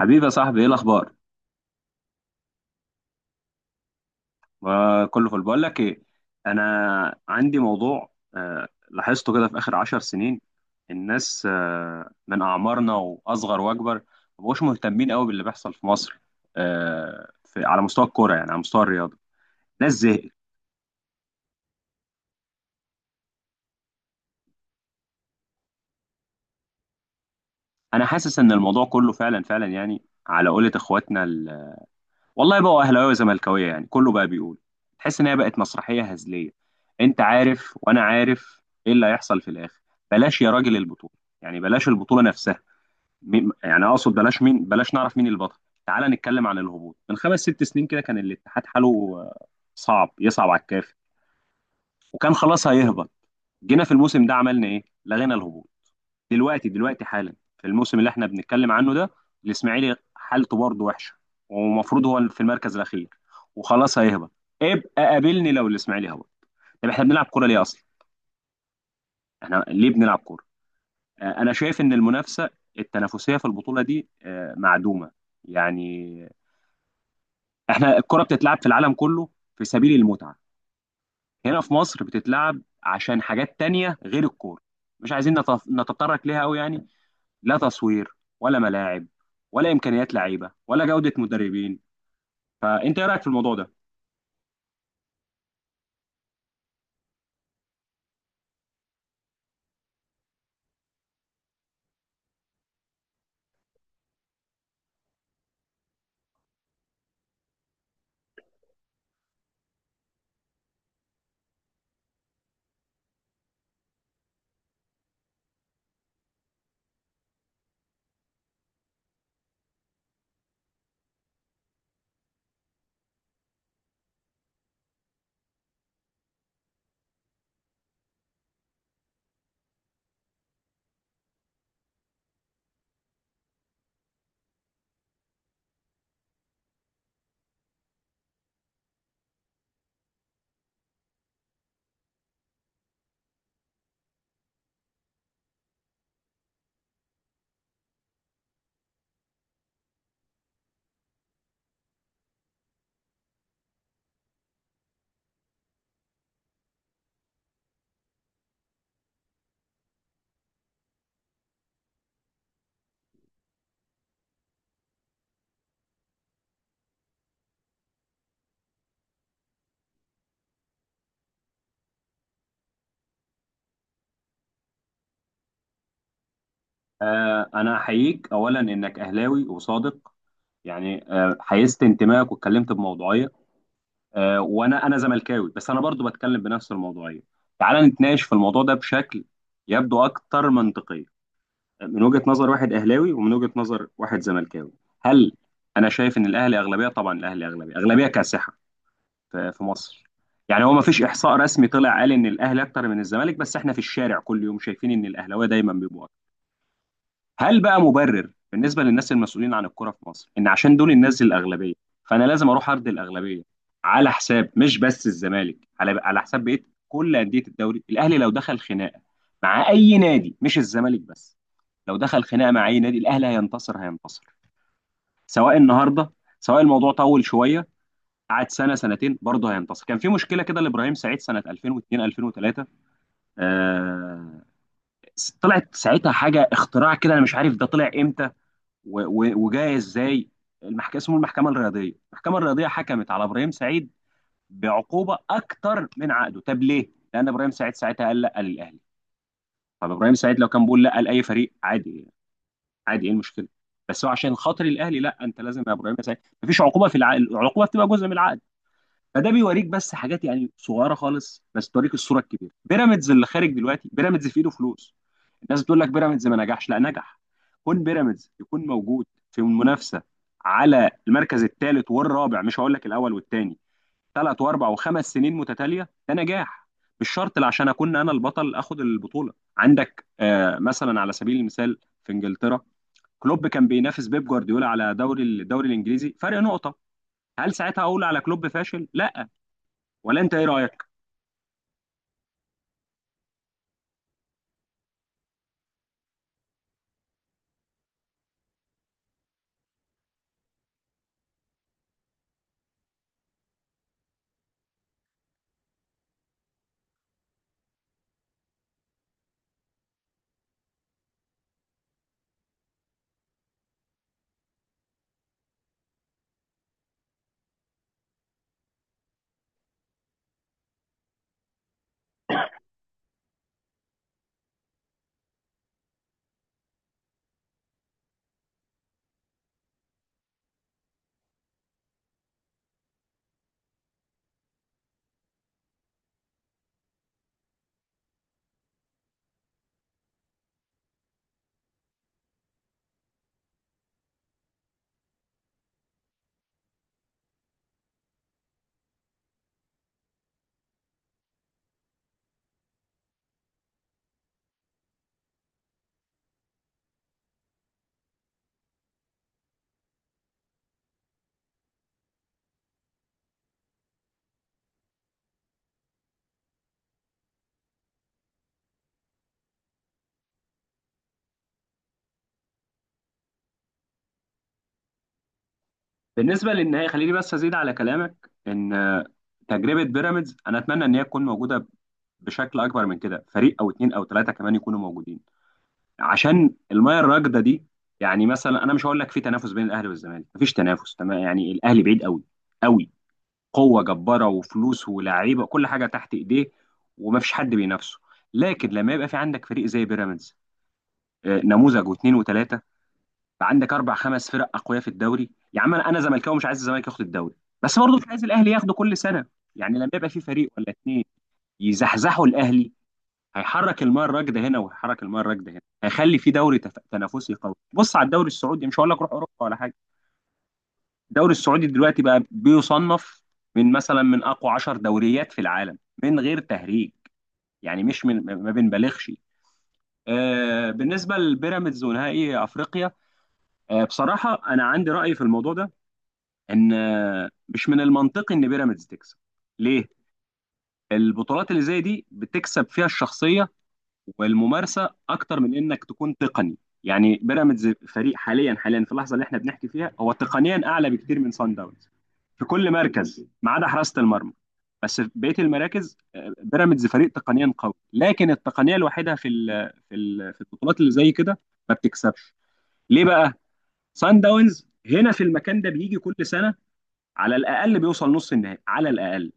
حبيبي يا صاحبي، ايه الاخبار؟ كله فل. بقول لك ايه، انا عندي موضوع لاحظته كده في اخر 10 سنين. الناس من اعمارنا واصغر واكبر ما بقوش مهتمين قوي باللي بيحصل في مصر، في على مستوى الكوره، يعني على مستوى الرياضه. ناس زهقت. انا حاسس ان الموضوع كله فعلا فعلا، يعني على قولة اخواتنا والله، بقوا اهلاويه وزملكاويه، يعني كله بقى بيقول. تحس ان هي بقت مسرحيه هزليه. انت عارف وانا عارف ايه اللي هيحصل في الاخر. بلاش يا راجل البطوله، يعني بلاش البطوله نفسها. يعني اقصد بلاش مين، بلاش نعرف مين البطل. تعال نتكلم عن الهبوط. من 5 6 سنين كده كان الاتحاد حاله آه، صعب، يصعب على الكافي، وكان خلاص هيهبط. جينا في الموسم ده، عملنا ايه؟ لغينا الهبوط. دلوقتي دلوقتي حالا في الموسم اللي احنا بنتكلم عنه ده، الاسماعيلي حالته برضه وحشه، ومفروض هو في المركز الاخير وخلاص هيهبط. ابقى قابلني لو الاسماعيلي هبط. طب احنا بنلعب كوره ليه اصلا؟ احنا ليه بنلعب كوره؟ انا شايف ان المنافسه التنافسيه في البطوله دي معدومه. يعني احنا الكوره بتتلعب في العالم كله في سبيل المتعه. هنا في مصر بتتلعب عشان حاجات تانية غير الكوره. مش عايزين نتطرق ليها قوي يعني. لا تصوير، ولا ملاعب، ولا امكانيات لعيبه، ولا جوده مدربين. فانت ايه رايك في الموضوع ده؟ آه، انا احييك اولا انك اهلاوي وصادق، يعني آه، حيزت انتمائك واتكلمت بموضوعيه. آه، وانا زملكاوي، بس انا برضو بتكلم بنفس الموضوعيه. تعال نتناقش في الموضوع ده بشكل يبدو اكثر منطقيه، من وجهه نظر واحد اهلاوي ومن وجهه نظر واحد زملكاوي. هل انا شايف ان الاهلي اغلبيه؟ طبعا الاهلي اغلبيه، اغلبيه كاسحه في مصر. يعني هو ما فيش احصاء رسمي طلع قال ان الاهلي اكتر من الزمالك، بس احنا في الشارع كل يوم شايفين ان الاهلاويه دايما بيبقوا أكتر. هل بقى مبرر بالنسبه للناس المسؤولين عن الكوره في مصر ان عشان دول الناس الاغلبيه، فانا لازم اروح ارضي الاغلبيه على حساب مش بس الزمالك، على حساب بقيه كل انديه الدوري؟ الاهلي لو دخل خناقه مع اي نادي، مش الزمالك بس، لو دخل خناقه مع اي نادي، الاهلي هينتصر هينتصر. سواء النهارده، سواء الموضوع طول شويه، قعد 1 2 سنه، برضه هينتصر. كان في مشكله كده لابراهيم سعيد سنه 2002 2003. آه، طلعت ساعتها حاجه اختراع كده، انا مش عارف ده طلع امتى و- و- وجاي ازاي. المحكمه، اسمه المحكمه الرياضيه، المحكمه الرياضيه حكمت على ابراهيم سعيد بعقوبه اكتر من عقده. طب ليه؟ لان ابراهيم سعيد ساعتها قال لا للاهلي. طب ابراهيم سعيد لو كان بيقول لا لاي فريق، عادي، عادي، ايه المشكله؟ بس هو عشان خاطر الاهلي، لا انت لازم يا ابراهيم سعيد. مفيش عقوبه في العقد، العقوبه بتبقى جزء من العقد. فده بيوريك بس حاجات يعني صغيره خالص، بس توريك الصوره الكبيره. بيراميدز اللي خارج دلوقتي، بيراميدز في ايده فلوس. الناس بتقول لك بيراميدز ما نجحش، لا نجح. كون بيراميدز يكون موجود في المنافسه على المركز الثالث والرابع، مش هقول لك الاول والثاني، 3 و4 و5 سنين متتاليه، ده نجاح. مش شرط لا عشان اكون انا البطل اخد البطوله. عندك آه، مثلا على سبيل المثال في انجلترا، كلوب كان بينافس بيب جوارديولا على دوري الدوري الانجليزي، فرق نقطه. هل ساعتها اقول على كلوب فاشل؟ لا. ولا انت ايه رايك؟ بالنسبه للنهائي، خليني بس ازيد على كلامك ان تجربه بيراميدز انا اتمنى ان هي تكون موجوده بشكل اكبر من كده، فريق او اتنين او تلاته كمان يكونوا موجودين عشان المياه الراكده دي. يعني مثلا انا مش هقول لك في تنافس بين الاهلي والزمالك، مفيش تنافس تمام، يعني الاهلي بعيد قوي قوي، قوه جباره وفلوس ولاعيبه كل حاجه تحت ايديه، ومفيش حد بينافسه. لكن لما يبقى في عندك فريق زي بيراميدز، نموذج واثنين وثلاثه، عندك 4 5 فرق اقوياء في الدوري. يا عم انا، زملكاوي مش عايز الزمالك ياخد الدوري، بس برضه مش عايز الاهلي ياخده كل سنه. يعني لما يبقى في فريق ولا اتنين يزحزحوا الاهلي، هيحرك الماء الراكده هنا، وهيحرك الماء الراكده هنا، هيخلي في دوري تنافسي قوي. بص على الدوري السعودي، مش هقول لك روح اوروبا ولا حاجه. الدوري السعودي دلوقتي بقى بيصنف من مثلا من اقوى 10 دوريات في العالم، من غير تهريج يعني، مش ما بنبالغش. آه، بالنسبه لبيراميدز ونهائي افريقيا، آه، بصراحه انا عندي راي في الموضوع ده، ان مش من المنطقي ان بيراميدز تكسب. ليه؟ البطولات اللي زي دي بتكسب فيها الشخصيه والممارسه اكتر من انك تكون تقني. يعني بيراميدز فريق حاليا في اللحظه اللي احنا بنحكي فيها، هو تقنيا اعلى بكتير من سان داونز في كل مركز ما عدا حراسه المرمى. بس في بقيه المراكز، آه، بيراميدز فريق تقنيا قوي، لكن التقنيه الوحيده في البطولات اللي زي كده ما بتكسبش. ليه بقى؟ سان داونز هنا في المكان ده بيجي كل سنه، على الاقل بيوصل نص النهائي على الاقل.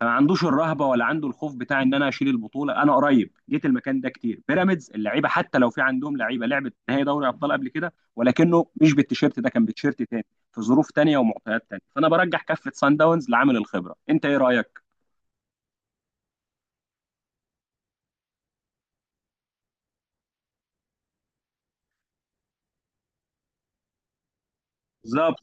فما عندوش الرهبه، ولا عنده الخوف بتاع ان انا اشيل البطوله. انا قريب، جيت المكان ده كتير. بيراميدز اللعيبه، حتى لو في عندهم لعيبه لعبت نهائي دوري ابطال قبل كده، ولكنه مش بالتيشيرت ده، كان بتيشيرت تاني في ظروف تانيه ومعطيات تانيه. فانا برجح كفه سان داونز لعامل الخبره. انت ايه رايك؟ بالظبط.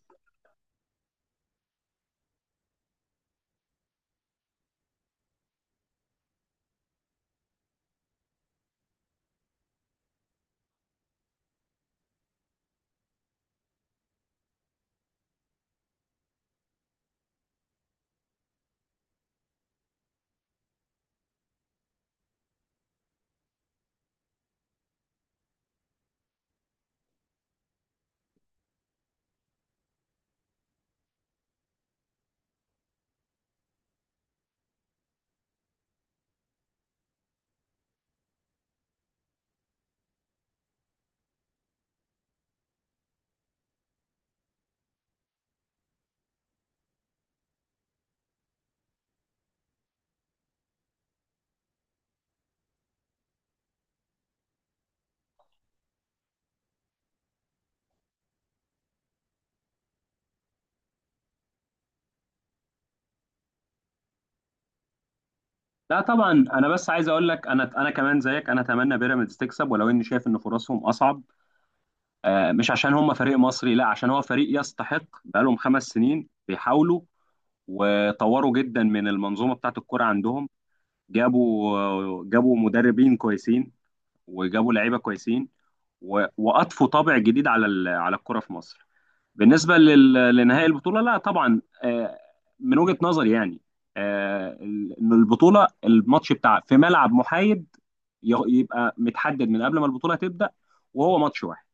لا طبعا، انا بس عايز اقول لك انا، كمان زيك، انا اتمنى بيراميدز تكسب، ولو اني شايف ان فرصهم اصعب. مش عشان هم فريق مصري، لا، عشان هو فريق يستحق. بقالهم 5 سنين بيحاولوا، وطوروا جدا من المنظومه بتاعه الكرة عندهم، جابوا مدربين كويسين، وجابوا لعيبه كويسين، و- واضفوا طابع جديد على الكرة في مصر. بالنسبه لل- لنهائي البطوله، لا طبعا، من وجهه نظري يعني، ان البطوله الماتش بتاع في ملعب محايد يبقى متحدد من قبل ما البطوله تبدا، وهو ماتش واحد،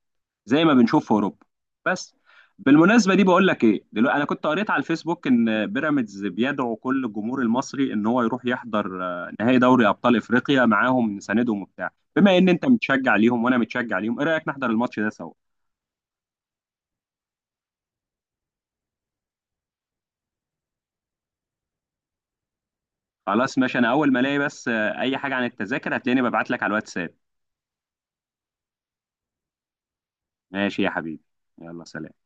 زي ما بنشوف في اوروبا بس. بالمناسبه دي، بقول لك ايه دلوقتي، انا كنت قريت على الفيسبوك ان بيراميدز بيدعو كل الجمهور المصري ان هو يروح يحضر نهائي دوري ابطال افريقيا معاهم، نساندهم وبتاع. بما ان انت متشجع ليهم وانا متشجع ليهم، ايه رايك نحضر الماتش ده سوا؟ خلاص ماشي، انا اول ما الاقي بس اي حاجه عن التذاكر، هتلاقيني ببعت لك على الواتساب. ماشي يا حبيبي، يلا سلام.